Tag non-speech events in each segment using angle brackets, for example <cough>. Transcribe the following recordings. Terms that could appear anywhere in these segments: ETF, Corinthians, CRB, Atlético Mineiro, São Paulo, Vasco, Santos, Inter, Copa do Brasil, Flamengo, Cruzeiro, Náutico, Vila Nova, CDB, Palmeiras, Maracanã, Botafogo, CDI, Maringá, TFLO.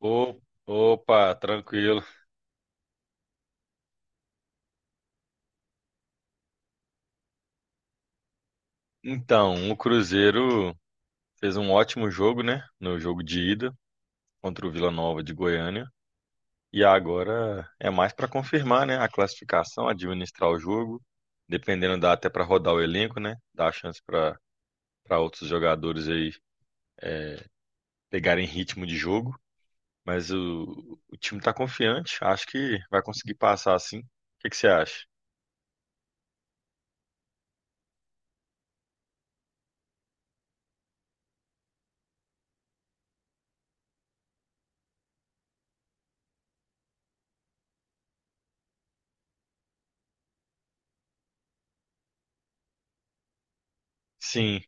Ô- Opa, tranquilo. Então, o Cruzeiro fez um ótimo jogo, né? No jogo de ida contra o Vila Nova de Goiânia. E agora é mais para confirmar, né? A classificação, administrar o jogo. Dependendo, dá até para rodar o elenco, né? Dá a chance para outros jogadores aí pegarem ritmo de jogo. Mas o time tá confiante. Acho que vai conseguir passar assim. O que que você acha? Sim.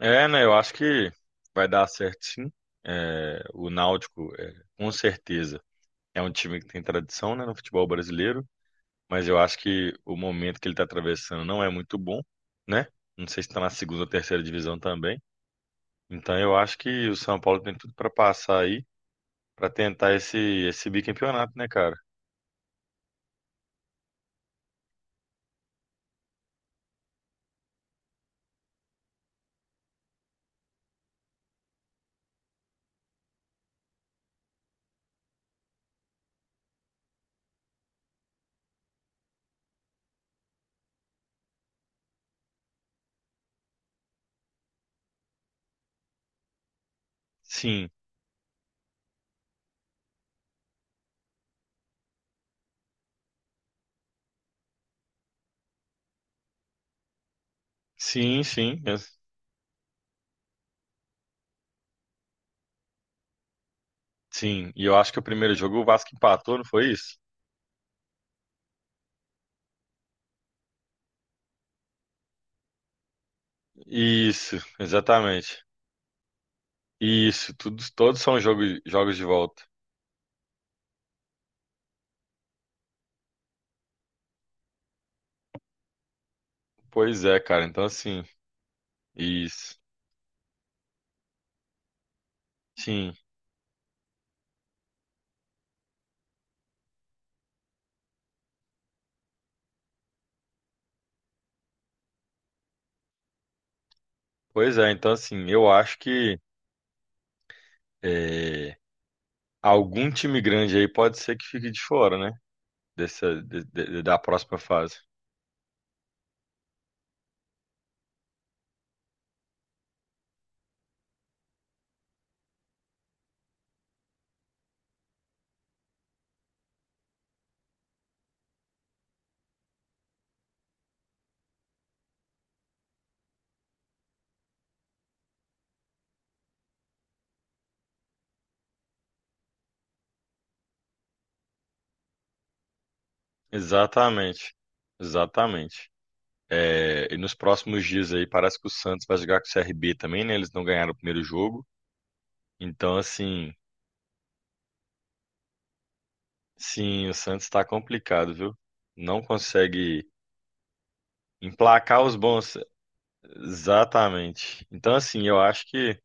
É, né? Eu acho que vai dar certo sim. É, o Náutico, é, com certeza, é um time que tem tradição, né, no futebol brasileiro, mas eu acho que o momento que ele está atravessando não é muito bom, né? Não sei se está na segunda ou terceira divisão também. Então eu acho que o São Paulo tem tudo para passar aí, para tentar esse bicampeonato, né, cara? Sim, sim, sim, sim. E eu acho que o primeiro jogo o Vasco empatou, não foi isso? Isso, exatamente. Isso, tudo, todos são jogos, jogos de volta. Pois é, cara, então assim, isso. Sim, pois é, então assim, eu acho que é, algum time grande aí pode ser que fique de fora, né? Da próxima fase. Exatamente, exatamente. É, e nos próximos dias aí parece que o Santos vai jogar com o CRB também, né? Eles não ganharam o primeiro jogo. Então, assim, sim, o Santos tá complicado, viu? Não consegue emplacar os bons. Exatamente. Então, assim, eu acho que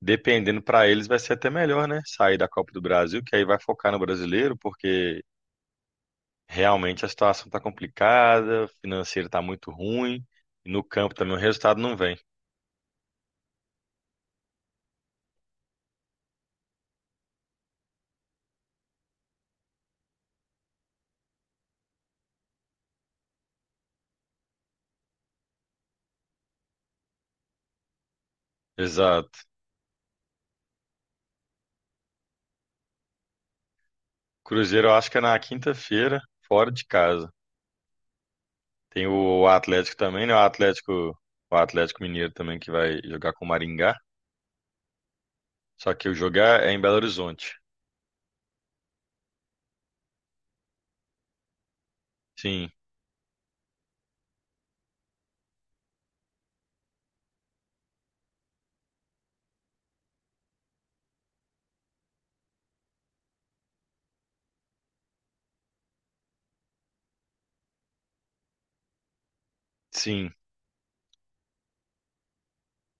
dependendo para eles vai ser até melhor, né? Sair da Copa do Brasil, que aí vai focar no brasileiro, porque realmente a situação tá complicada, o financeiro tá muito ruim, e no campo também o resultado não vem. Exato. Cruzeiro eu acho que é na quinta-feira, fora de casa. Tem o Atlético também, né? O Atlético Mineiro também que vai jogar com o Maringá, só que o jogar é em Belo Horizonte. Sim, sim.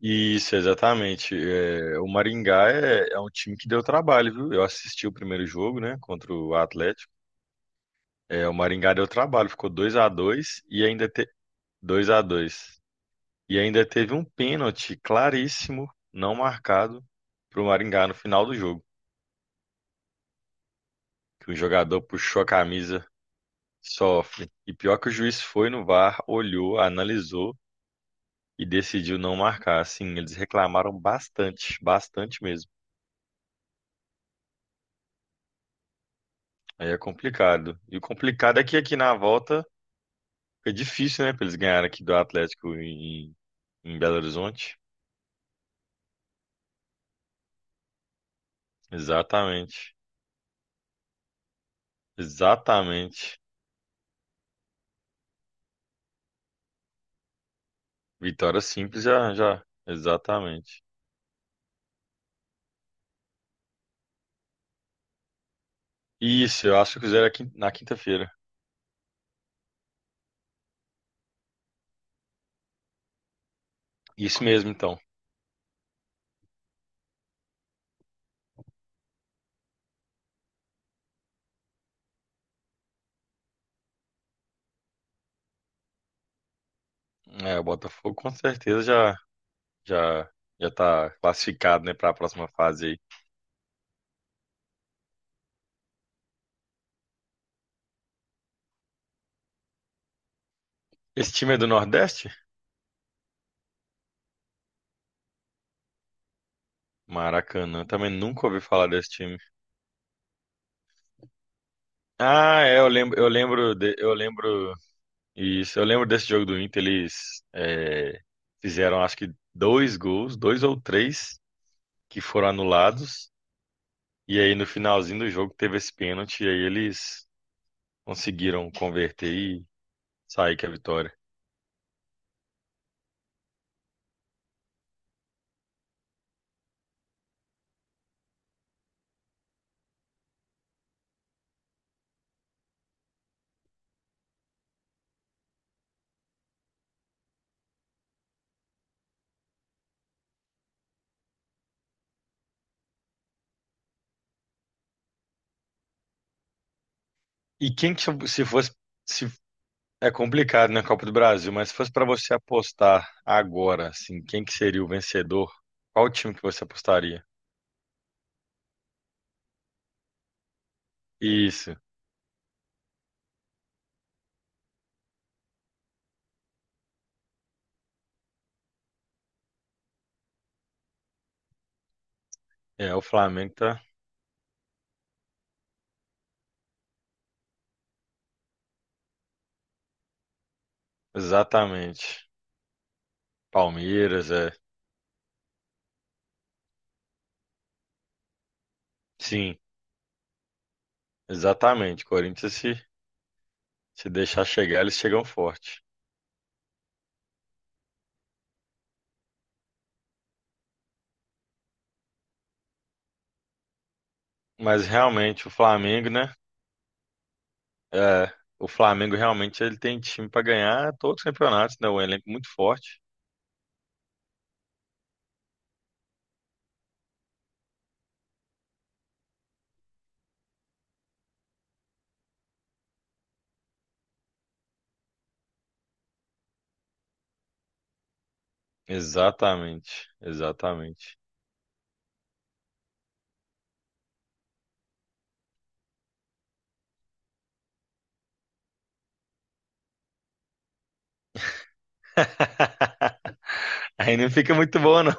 Isso, exatamente. É, o Maringá é um time que deu trabalho, viu? Eu assisti o primeiro jogo, né, contra o Atlético. É, o Maringá deu trabalho, ficou 2 a 2 e ainda te... 2 a dois. E ainda teve um pênalti claríssimo, não marcado, pro Maringá no final do jogo, que o jogador puxou a camisa, sofre. E pior que o juiz foi no VAR, olhou, analisou e decidiu não marcar. Assim, eles reclamaram bastante, bastante mesmo. Aí é complicado. E o complicado é que aqui na volta fica difícil, né? Pra eles ganharem aqui do Atlético em, Belo Horizonte. Exatamente. Exatamente. Vitória simples já, já. Exatamente. Isso, eu acho que fizeram aqui na quinta-feira. Isso mesmo, então. É, o Botafogo com certeza já, já, já tá classificado, né, para a próxima fase aí. Esse time é do Nordeste? Maracanã, eu também nunca ouvi falar desse time. Ah, é, eu lembro, eu lembro, eu lembro. Isso, eu lembro desse jogo do Inter, eles é, fizeram acho que dois gols, dois ou três, que foram anulados. E aí no finalzinho do jogo teve esse pênalti, e aí eles conseguiram converter e sair com a vitória. E quem que se fosse, se é complicado na Copa do Brasil, mas se fosse para você apostar agora, assim, quem que seria o vencedor? Qual time que você apostaria? Isso, é o Flamengo, tá? Exatamente. Palmeiras, é. Sim. Exatamente. Corinthians, se deixar chegar, eles chegam forte. Mas realmente, o Flamengo, né? É, o Flamengo realmente ele tem time para ganhar todos os campeonatos, né? Um elenco muito forte. Exatamente. Exatamente. <laughs> Aí não fica muito bom, não.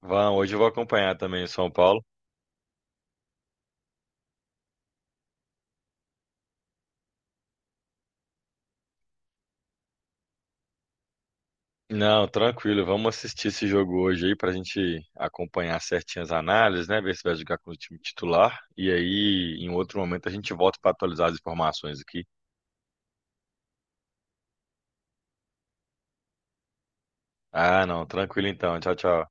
Vamos, hoje eu vou acompanhar também o São Paulo. Não, tranquilo, vamos assistir esse jogo hoje aí pra gente acompanhar certinho as análises, né? Ver se vai jogar com o time titular. E aí, em outro momento, a gente volta para atualizar as informações aqui. Ah, não, tranquilo então. Tchau, tchau.